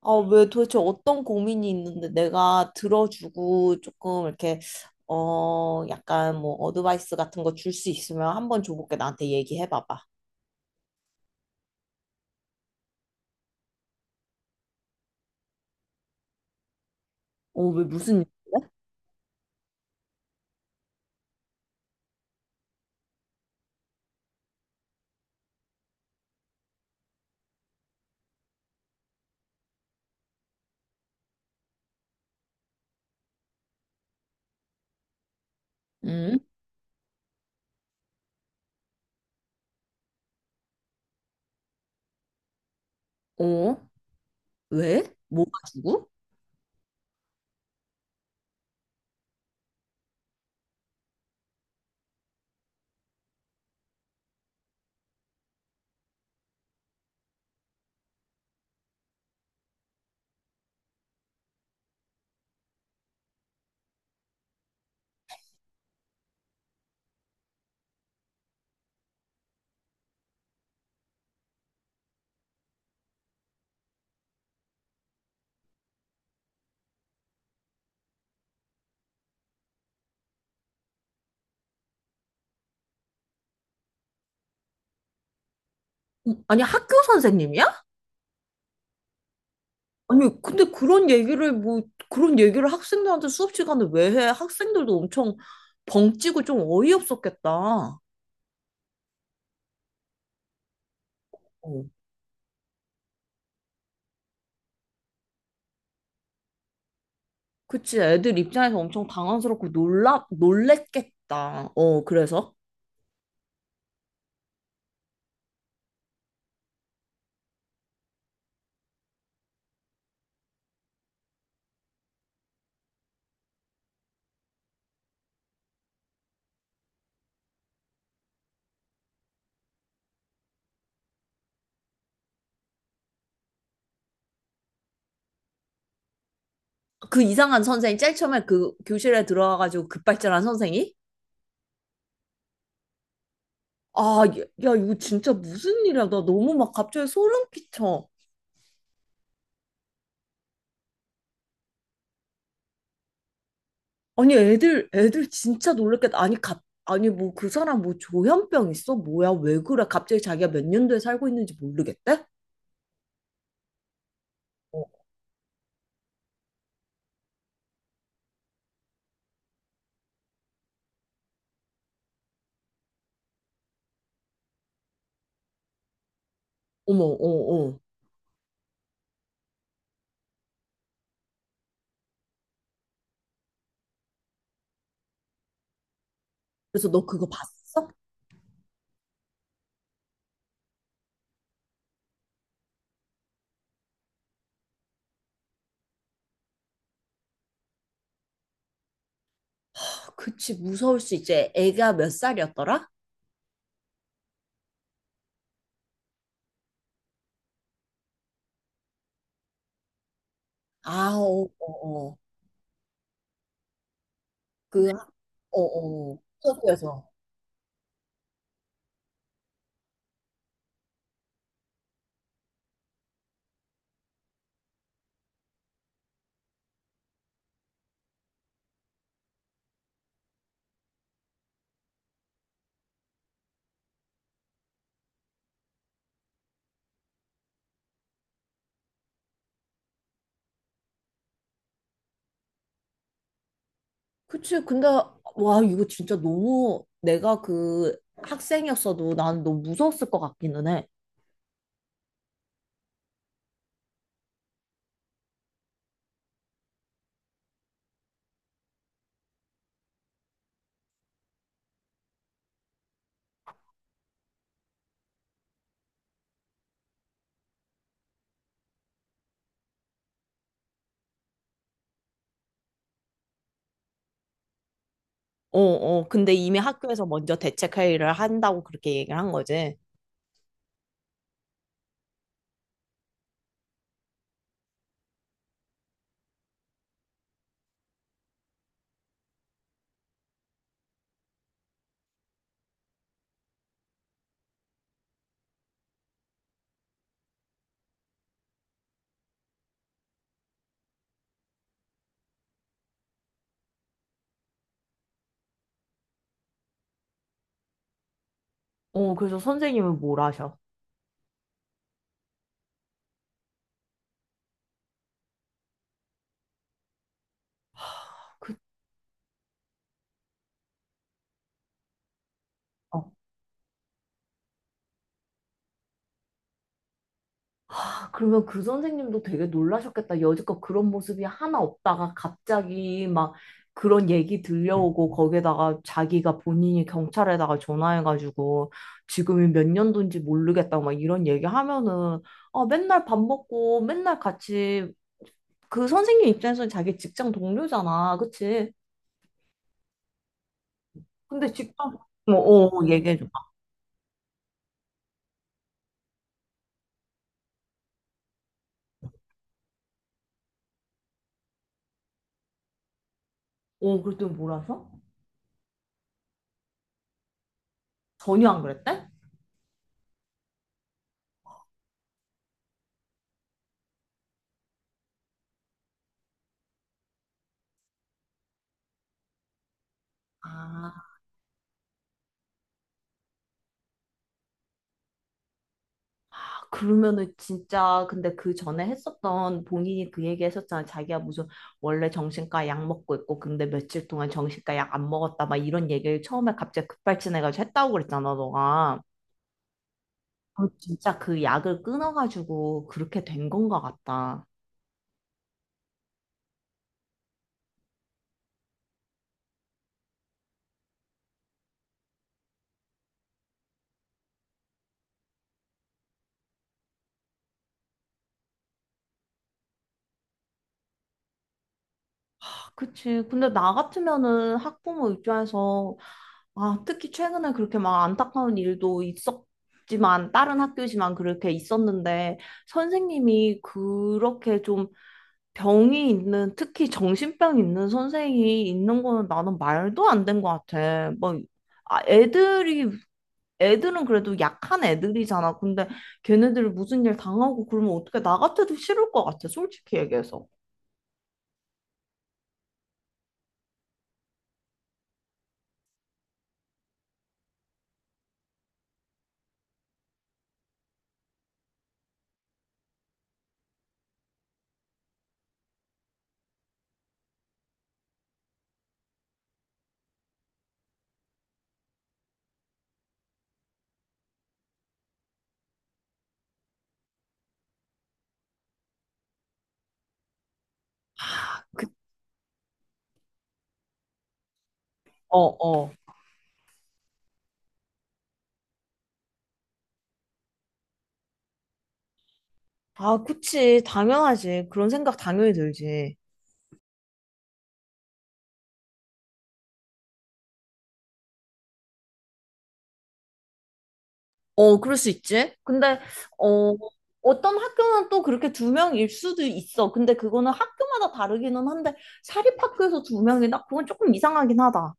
아, 왜 도대체 어떤 고민이 있는데 내가 들어주고 조금 이렇게, 약간 뭐 어드바이스 같은 거 줄 수 있으면 한번 줘볼게. 나한테 얘기해봐봐. 어, 왜 무슨, 응? 어? 왜? 뭐가 주고? 아니, 학교 선생님이야? 아니, 근데 뭐, 그런 얘기를 학생들한테 수업 시간에 왜 해? 학생들도 엄청 벙찌고 좀 어이없었겠다. 어. 그치, 애들 입장에서 엄청 당황스럽고 놀랬겠다. 어, 그래서? 그 이상한 선생이 제일 처음에 그 교실에 들어와가지고 급발진한 선생이. 아, 야, 야, 이거 진짜 무슨 일이야. 나 너무 막 갑자기 소름 끼쳐. 아니, 애들 진짜 놀랬겠다. 아니, 아니, 뭐, 그 사람 뭐 조현병 있어? 뭐야, 왜 그래? 갑자기 자기가 몇 년도에 살고 있는지 모르겠대? 어, 어머, 어, 어. 그래서 너 그거 봤어? 아, 그치, 무서울 수 있지. 애가 몇 살이었더라? 아, 어, 어, 어. 그, 어, 어. 학교에서. 그치. 근데, 와, 이거 진짜 너무 내가 그 학생이었어도 난 너무 무서웠을 것 같기는 해. 어, 어. 근데 이미 학교에서 먼저 대책 회의를 한다고 그렇게 얘기를 한 거지. 어, 그래서 선생님은 뭘 하셔? 그, 어, 아, 그러면 그 선생님도 되게 놀라셨겠다. 여지껏 그런 모습이 하나 없다가 갑자기 막 그런 얘기 들려오고 거기에다가 자기가 본인이 경찰에다가 전화해가지고 지금이 몇 년도인지 모르겠다 막 이런 얘기 하면은 아, 맨날 밥 먹고 맨날 같이 그 선생님 입장에서는 자기 직장 동료잖아. 그치? 근데 직장, 어, 어, 얘기해줘봐. 어, 그랬더니 뭐라서? 전혀 안 그랬대? 아. 그러면은 진짜 근데 그 전에 했었던 본인이 그 얘기 했었잖아. 자기가 무슨 원래 정신과 약 먹고 있고 근데 며칠 동안 정신과 약 안 먹었다 막 이런 얘기를 처음에 갑자기 급발진해가지고 했다고 그랬잖아, 너가. 어, 진짜 그 약을 끊어가지고 그렇게 된 건가 같다. 아, 그치. 근데 나 같으면은 학부모 입장에서 아, 특히 최근에 그렇게 막 안타까운 일도 있었지만 다른 학교지만 그렇게 있었는데 선생님이 그렇게 좀 병이 있는, 특히 정신병 있는 선생이 있는 거는 나는 말도 안 된 것 같아. 뭐, 아, 애들은 그래도 약한 애들이잖아. 근데 걔네들이 무슨 일 당하고 그러면 어떻게 나 같아도 싫을 것 같아. 솔직히 얘기해서. 그, 어, 어. 아, 그치. 당연하지. 그런 생각 당연히 들지. 어, 그럴 수 있지. 근데, 어, 어떤 학교는 또 그렇게 두 명일 수도 있어. 근데 그거는 학교마다 다르기는 한데, 사립학교에서 두 명이다? 그건 조금 이상하긴 하다.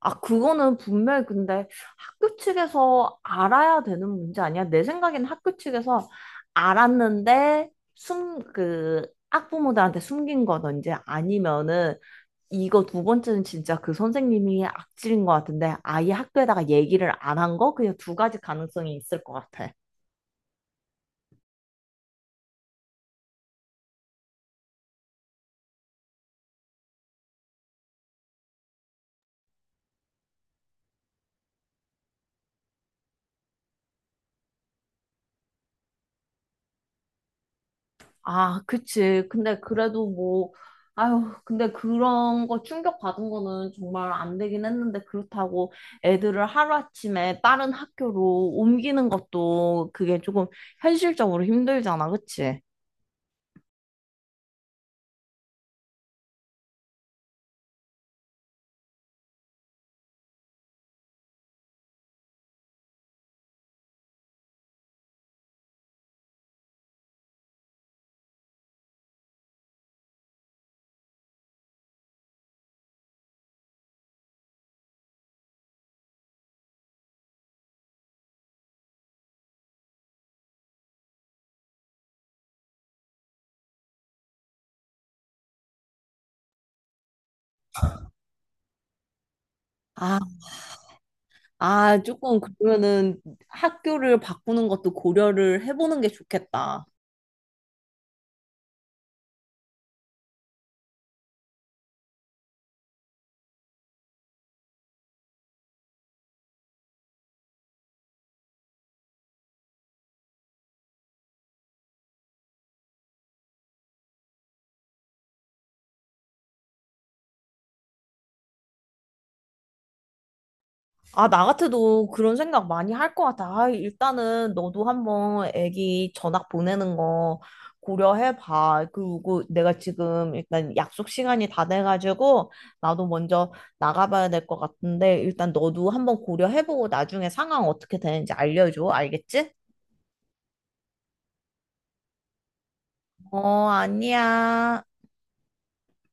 아, 그거는 분명히 근데 학교 측에서 알아야 되는 문제 아니야? 내 생각엔 학교 측에서 알았는데 학부모들한테 숨긴 거든지 아니면은 이거 두 번째는 진짜 그 선생님이 악질인 것 같은데 아예 학교에다가 얘기를 안 한 거? 그냥 두 가지 가능성이 있을 것 같아. 아, 그치. 근데 그래도 뭐, 아유, 근데 그런 거 충격받은 거는 정말 안 되긴 했는데, 그렇다고 애들을 하루아침에 다른 학교로 옮기는 것도 그게 조금 현실적으로 힘들잖아, 그치? 아, 아, 조금 그러면은 학교를 바꾸는 것도 고려를 해보는 게 좋겠다. 아, 나 같아도 그런 생각 많이 할 것 같아. 아, 일단은 너도 한번 애기 전학 보내는 거 고려해봐. 그리고 내가 지금 일단 약속 시간이 다 돼가지고 나도 먼저 나가봐야 될 것 같은데 일단 너도 한번 고려해보고 나중에 상황 어떻게 되는지 알려줘. 알겠지? 어, 아니야.